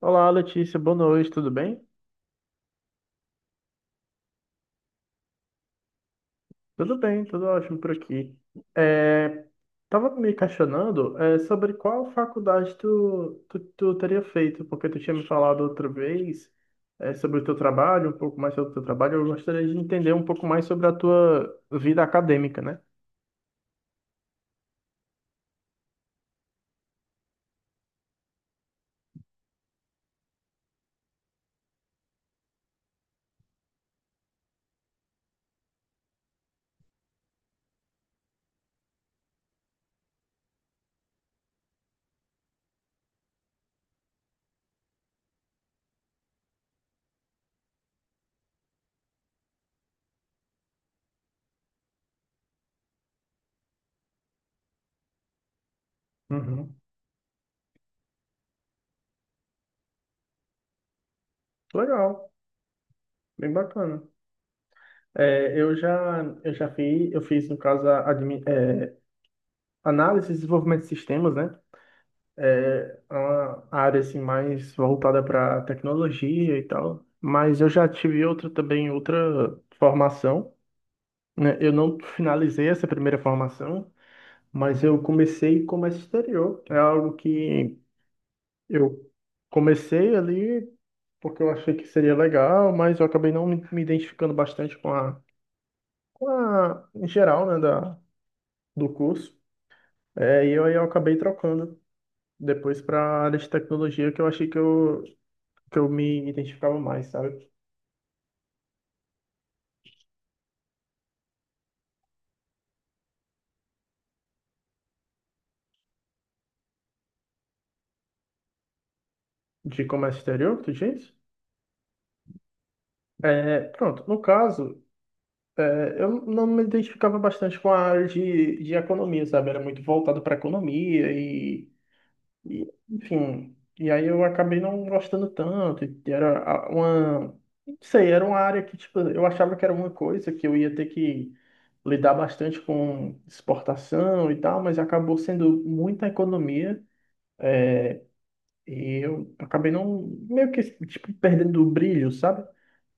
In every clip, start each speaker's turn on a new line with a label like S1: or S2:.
S1: Olá, Letícia, boa noite, tudo bem? Tudo bem, tudo ótimo por aqui. É, tava me questionando, sobre qual faculdade tu teria feito, porque tu tinha me falado outra vez, sobre o teu trabalho, um pouco mais sobre o teu trabalho. Eu gostaria de entender um pouco mais sobre a tua vida acadêmica, né? Uhum. Legal, bem bacana. Eu fiz, no caso, análise e desenvolvimento de sistemas, né? É uma área assim mais voltada para tecnologia e tal, mas eu já tive outra também, outra formação, né? Eu não finalizei essa primeira formação, mas eu comecei comércio exterior. É algo que eu comecei ali porque eu achei que seria legal, mas eu acabei não me identificando bastante com a, em geral, né, do curso. Aí eu acabei trocando depois para a área de tecnologia, que eu achei que eu me identificava mais, sabe? De comércio exterior, tu diz? Pronto, no caso, eu não me identificava bastante com a área de economia, sabe? Era muito voltado para economia e, enfim. E aí eu acabei não gostando tanto. E era uma. Não sei, era uma área que, tipo, eu achava que era uma coisa que eu ia ter que lidar bastante com exportação e tal, mas acabou sendo muita economia. E eu acabei não, meio que, tipo, perdendo o brilho, sabe?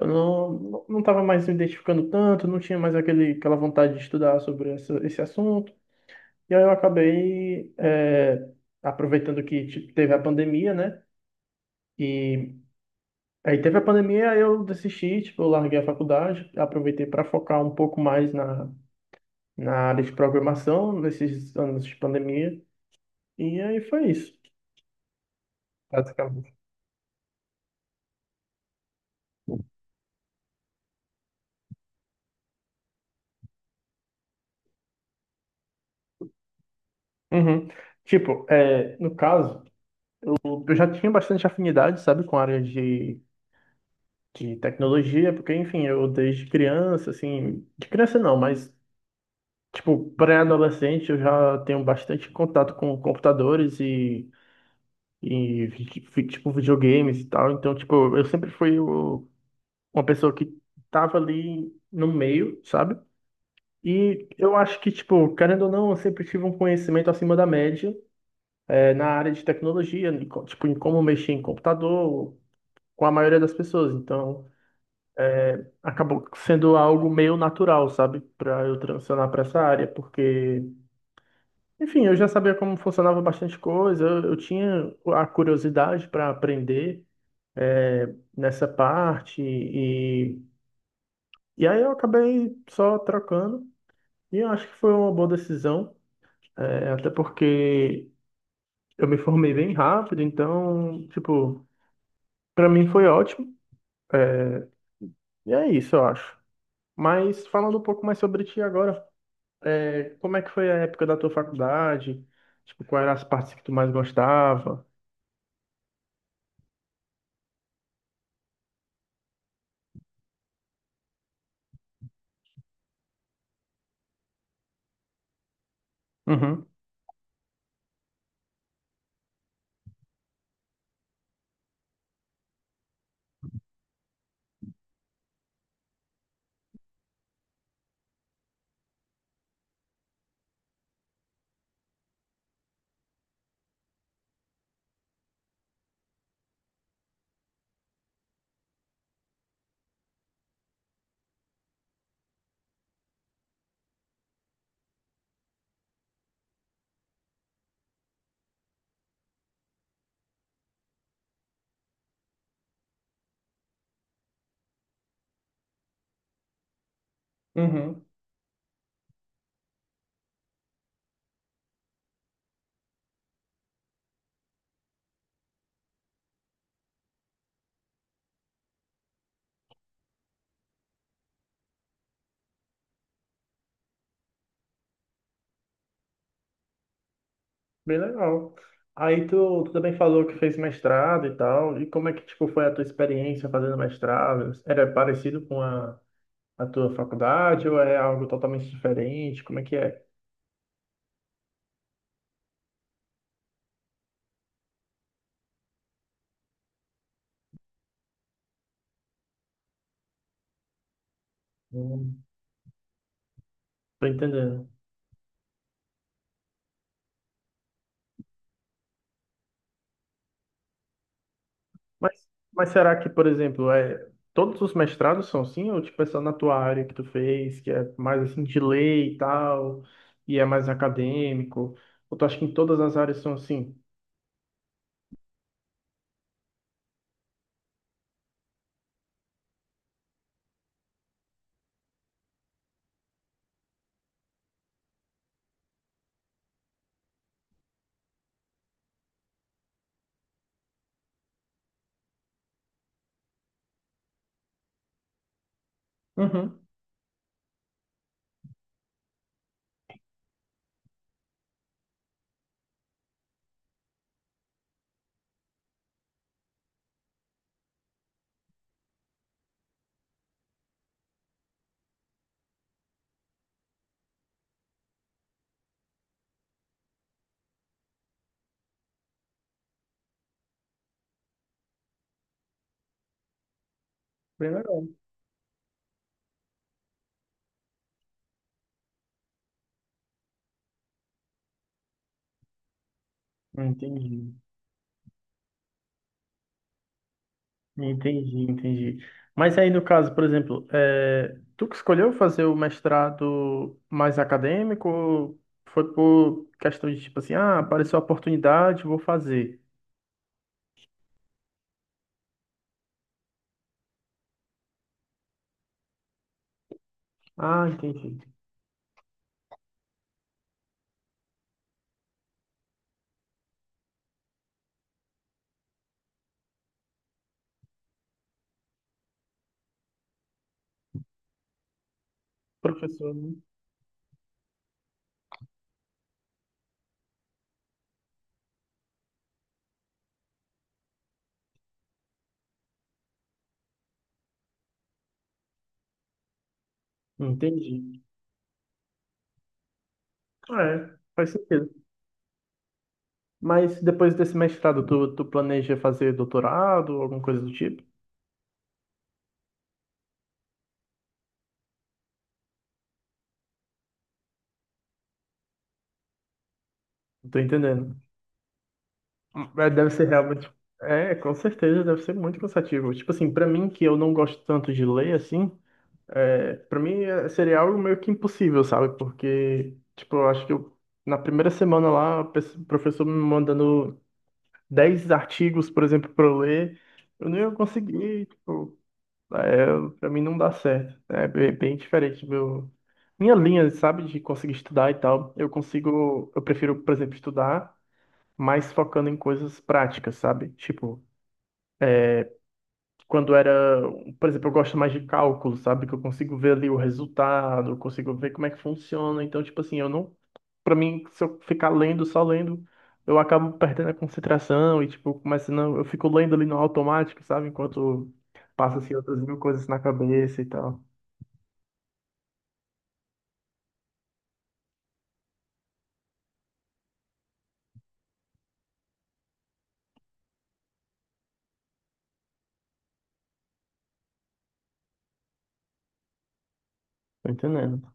S1: Eu não, não, não tava mais me identificando tanto, não tinha mais aquele, aquela vontade de estudar sobre essa, esse assunto. E aí eu acabei, aproveitando que, tipo, teve a pandemia, né? E aí teve a pandemia, aí eu desisti, tipo, eu larguei a faculdade, aproveitei para focar um pouco mais na, área de programação nesses anos de pandemia. E aí foi isso, basicamente. Uhum. Tipo, no caso. Eu já tinha bastante afinidade, sabe, com a área de tecnologia, porque, enfim, eu desde criança, assim, de criança não, mas, tipo, pré-adolescente eu já tenho bastante contato com computadores e tipo, videogames e tal, então, tipo, eu sempre fui uma pessoa que tava ali no meio, sabe? E eu acho que, tipo, querendo ou não, eu sempre tive um conhecimento acima da média, na área de tecnologia, tipo, em como mexer em computador, com a maioria das pessoas. Então, acabou sendo algo meio natural, sabe, para eu transicionar para essa área, porque, enfim, eu já sabia como funcionava bastante coisa, eu tinha a curiosidade para aprender nessa parte e aí eu acabei só trocando e eu acho que foi uma boa decisão, até porque eu me formei bem rápido, então, tipo, para mim foi ótimo e é isso, eu acho. Mas falando um pouco mais sobre ti agora. Como é que foi a época da tua faculdade? Tipo, quais eram as partes que tu mais gostava? Uhum, uhum. Bem legal. Aí tu também falou que fez mestrado e tal. E como é que, tipo, foi a tua experiência fazendo mestrado? Era parecido com a tua faculdade ou é algo totalmente diferente? Como é que é? Não tô entendendo. Mas, mas será que, por exemplo, todos os mestrados são assim? Ou tipo, é só na tua área que tu fez, que é mais assim de lei e tal, e é mais acadêmico? Ou tu acha que em todas as áreas são assim? Uhum, bem legal. Entendi, entendi, entendi. Mas aí no caso, por exemplo, tu que escolheu fazer o mestrado mais acadêmico, ou foi por questão de tipo assim, ah, apareceu a oportunidade, vou fazer. Ah, entendi. Professor, né? Entendi. É, faz sentido. Mas depois desse mestrado, tu planeja fazer doutorado ou alguma coisa do tipo? Não tô entendendo. É, deve ser realmente. É, com certeza, deve ser muito cansativo. Tipo assim, pra mim, que eu não gosto tanto de ler, assim, pra mim seria algo meio que impossível, sabe? Porque, tipo, eu acho que eu, na primeira semana lá, o professor me mandando 10 artigos, por exemplo, pra eu ler, eu não ia conseguir, tipo. É, para mim não dá certo. É bem, bem diferente meu minha linha, sabe, de conseguir estudar e tal. Eu consigo, eu prefiro, por exemplo, estudar mais focando em coisas práticas, sabe? Tipo, quando era, por exemplo, eu gosto mais de cálculo, sabe, que eu consigo ver ali o resultado, eu consigo ver como é que funciona. Então, tipo assim, eu não, para mim, se eu ficar lendo, só lendo, eu acabo perdendo a concentração e tipo, começando, eu fico lendo ali no automático, sabe, enquanto passa assim outras mil coisas na cabeça e tal. Tô entendendo.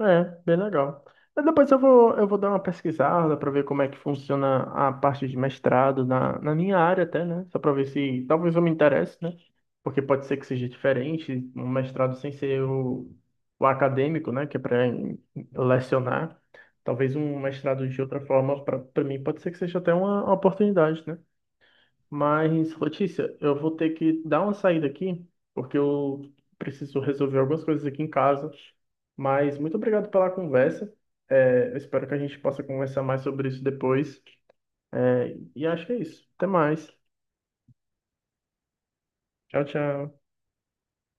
S1: É, bem legal. Mas depois eu vou, dar uma pesquisada para ver como é que funciona a parte de mestrado na, minha área até, né? Só para ver se talvez eu me interesse, né? Porque pode ser que seja diferente, um mestrado sem ser o acadêmico, né? Que é para lecionar. Talvez um mestrado de outra forma, para mim, pode ser que seja até uma oportunidade, né? Mas, Letícia, eu vou ter que dar uma saída aqui, porque eu preciso resolver algumas coisas aqui em casa. Mas muito obrigado pela conversa. Eu espero que a gente possa conversar mais sobre isso depois. E acho que é isso. Até mais. Tchau, tchau.